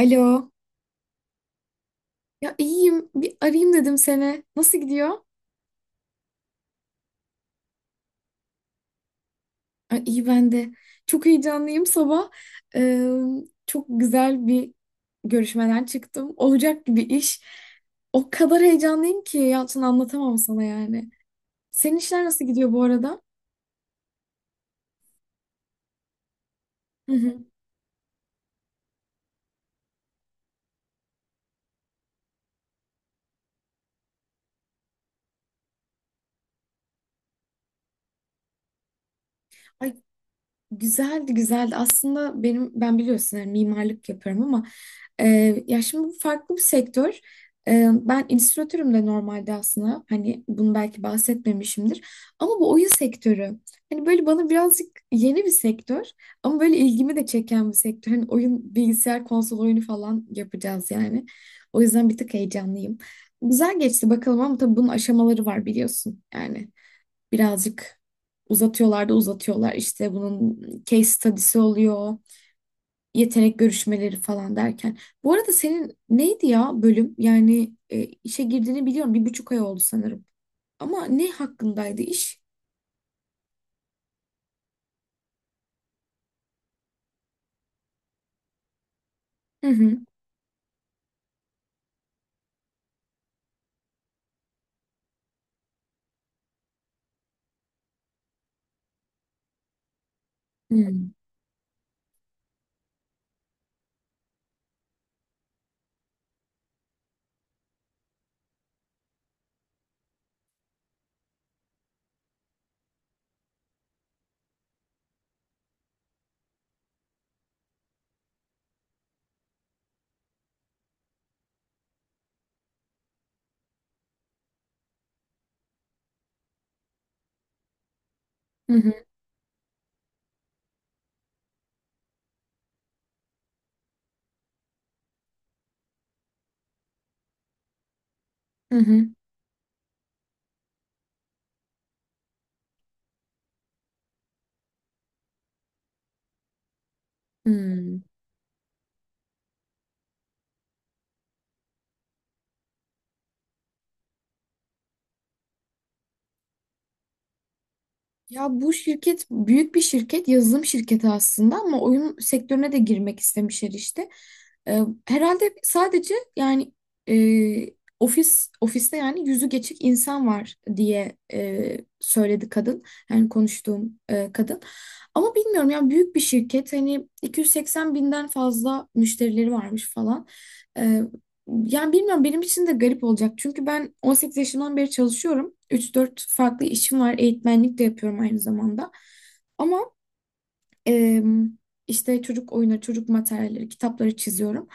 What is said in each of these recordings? Alo. Ya iyiyim. Bir arayayım dedim seni. Nasıl gidiyor? Ay, iyi ben de. Çok heyecanlıyım sabah. Ee, çok güzel bir görüşmeden çıktım. Olacak gibi iş. O kadar heyecanlıyım ki Yalçın anlatamam sana yani. Senin işler nasıl gidiyor bu arada? Hı hı. Ay, güzeldi güzeldi. Aslında ben biliyorsun yani mimarlık yapıyorum ama ya şimdi bu farklı bir sektör. Ben illüstratörüm de normalde aslında hani bunu belki bahsetmemişimdir. Ama bu oyun sektörü hani böyle bana birazcık yeni bir sektör ama böyle ilgimi de çeken bir sektör. Hani oyun bilgisayar konsol oyunu falan yapacağız yani. O yüzden bir tık heyecanlıyım. Güzel geçti bakalım ama tabii bunun aşamaları var biliyorsun yani birazcık uzatıyorlar da uzatıyorlar. İşte bunun case study'si oluyor, yetenek görüşmeleri falan derken. Bu arada senin neydi ya bölüm? Yani işe girdiğini biliyorum. Bir buçuk ay oldu sanırım. Ama ne hakkındaydı iş? Hı hı. Hı hı. Hı hı. Hı hı. Hı. Ya bu şirket büyük bir şirket, yazılım şirketi aslında ama oyun sektörüne de girmek istemişler işte. Ee, Herhalde sadece yani e, ofiste yani yüzü geçik insan var diye söyledi kadın. Yani konuştuğum kadın. Ama bilmiyorum yani büyük bir şirket hani 280 binden fazla müşterileri varmış falan. Yani bilmiyorum benim için de garip olacak. Çünkü ben 18 yaşından beri çalışıyorum. 3-4 farklı işim var. Eğitmenlik de yapıyorum aynı zamanda. Ama eee, işte çocuk oyunları, çocuk materyalleri, kitapları çiziyorum.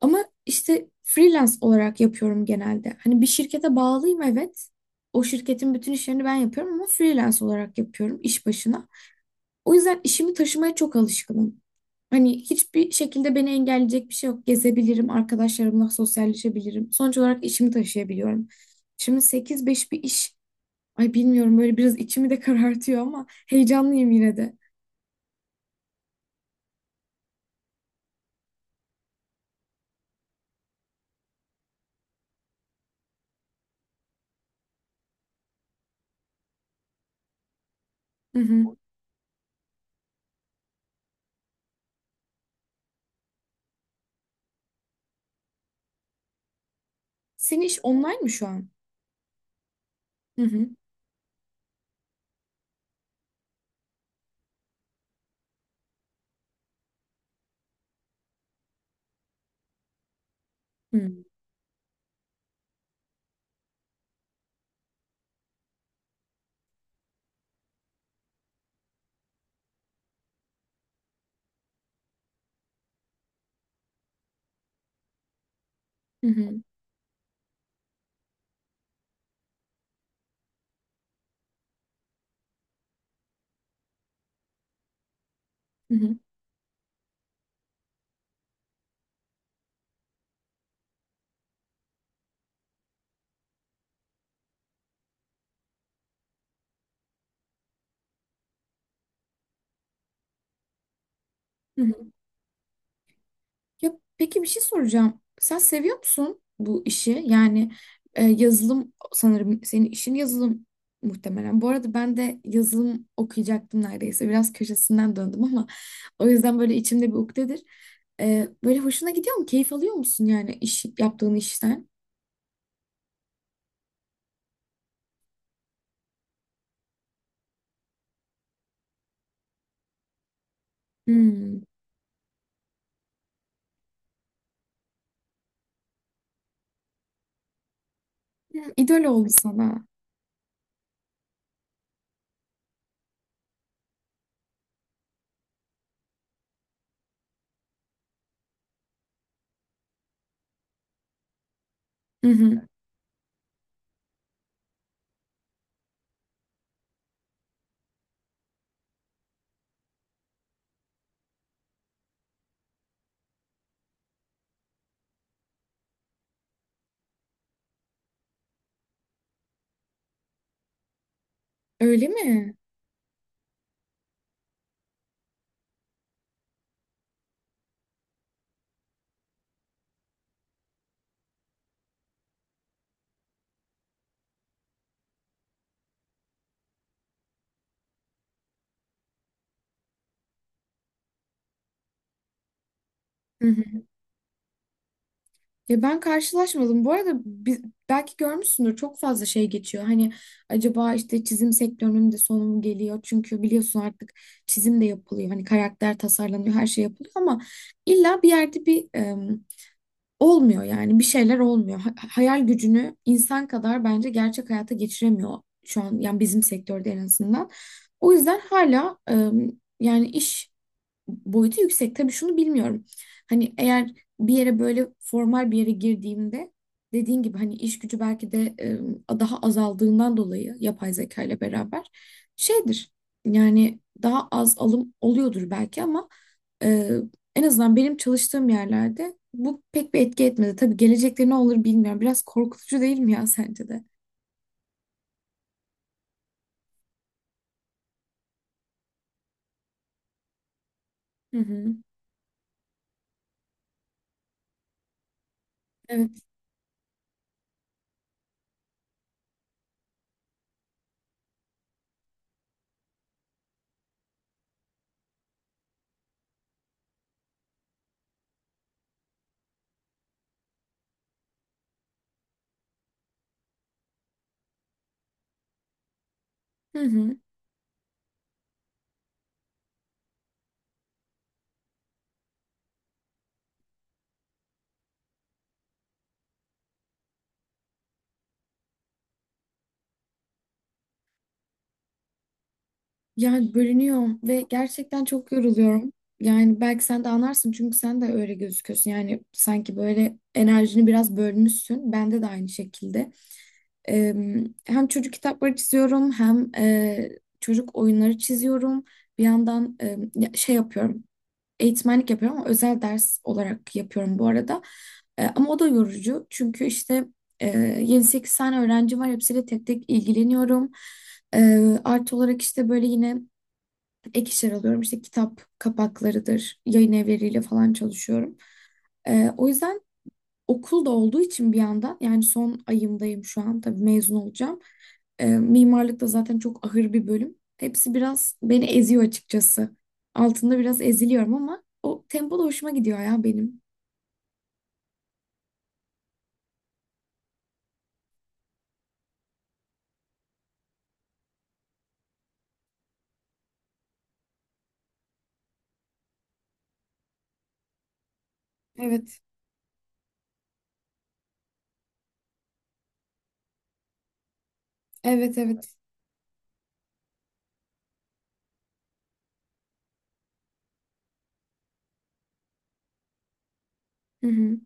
Ama işte freelance olarak yapıyorum genelde. Hani bir şirkete bağlıyım evet. O şirketin bütün işlerini ben yapıyorum ama freelance olarak yapıyorum iş başına. O yüzden işimi taşımaya çok alışkınım. Hani hiçbir şekilde beni engelleyecek bir şey yok. Gezebilirim, arkadaşlarımla sosyalleşebilirim. Sonuç olarak işimi taşıyabiliyorum. Şimdi sekiz beş bir iş. Ay bilmiyorum böyle biraz içimi de karartıyor ama heyecanlıyım yine de. Hı hı. Senin iş online mı şu an? Hı hı. Hı hı. Hı hı. Hı hı. Ya peki bir şey soracağım. Sen seviyor musun bu işi? Yani yazılım sanırım senin işin yazılım muhtemelen. Bu arada ben de yazılım okuyacaktım neredeyse. Biraz köşesinden döndüm ama o yüzden böyle içimde bir ukdedir. Böyle hoşuna gidiyor mu? Keyif alıyor musun yani iş yaptığın işten? Hmm. Hmm, İdol oldu sana. Hı hı. Öyle mi? Hı hı. Ya ben karşılaşmadım. Bu arada biz, belki görmüşsündür çok fazla şey geçiyor. Hani acaba işte çizim sektörünün de sonu mu geliyor? Çünkü biliyorsun artık çizim de yapılıyor. Hani karakter tasarlanıyor, her şey yapılıyor ama illa bir yerde bir olmuyor yani bir şeyler olmuyor. Hayal gücünü insan kadar bence gerçek hayata geçiremiyor şu an yani bizim sektörde en azından. O yüzden hala yani iş boyutu yüksek. Tabii şunu bilmiyorum. Hani eğer bir yere böyle formal bir yere girdiğimde dediğin gibi hani iş gücü belki de daha azaldığından dolayı yapay zeka ile beraber şeydir. Yani daha az alım oluyordur belki ama e, en azından benim çalıştığım yerlerde bu pek bir etki etmedi. Tabii gelecekte ne olur bilmiyorum. Biraz korkutucu değil mi ya sence de? Hı hı. Evet. Hı hı. Yani bölünüyorum ve gerçekten çok yoruluyorum. Yani belki sen de anlarsın çünkü sen de öyle gözüküyorsun. Yani sanki böyle enerjini biraz bölmüşsün. Bende de aynı şekilde. Ee, Hem çocuk kitapları çiziyorum hem çocuk oyunları çiziyorum. Bir yandan şey yapıyorum. Eğitmenlik yapıyorum ama özel ders olarak yapıyorum bu arada. Ama o da yorucu çünkü işte e, 7-8 tane öğrencim var. Hepsiyle tek tek ilgileniyorum. E, Artı olarak işte böyle yine ek işler alıyorum. İşte kitap kapaklarıdır, yayın evleriyle falan çalışıyorum. O yüzden okul da olduğu için bir yandan yani son ayımdayım şu an tabii mezun olacağım. Mimarlık da zaten çok ahır bir bölüm. Hepsi biraz beni eziyor açıkçası. Altında biraz eziliyorum ama o tempo da hoşuma gidiyor ya benim. Evet, evet, evet. Hı hı.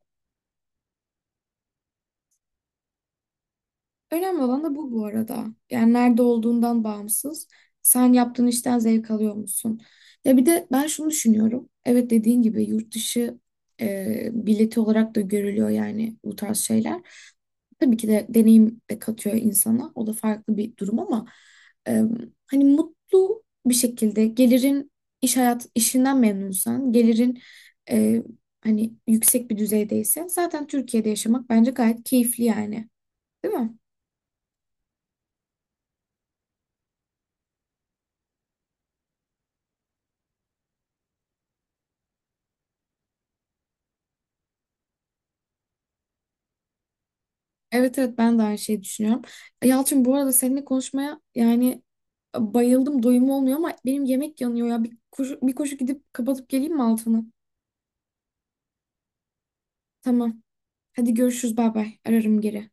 Önemli olan da bu, bu arada. Yani nerede olduğundan bağımsız. Sen yaptığın işten zevk alıyor musun? Ya bir de ben şunu düşünüyorum. Evet dediğin gibi yurt dışı bileti olarak da görülüyor yani bu tarz şeyler. Tabii ki de deneyim de katıyor insana. O da farklı bir durum ama e, hani mutlu bir şekilde gelirin iş hayat işinden memnunsan, gelirin e, hani yüksek bir düzeydeyse zaten Türkiye'de yaşamak bence gayet keyifli yani. Değil mi? Evet evet ben de aynı şeyi düşünüyorum. Yalçın bu arada seninle konuşmaya yani bayıldım doyum olmuyor ama benim yemek yanıyor ya. Bir koşu, bir koşu gidip kapatıp geleyim mi altını? Tamam. Hadi görüşürüz bay bay. Ararım geri.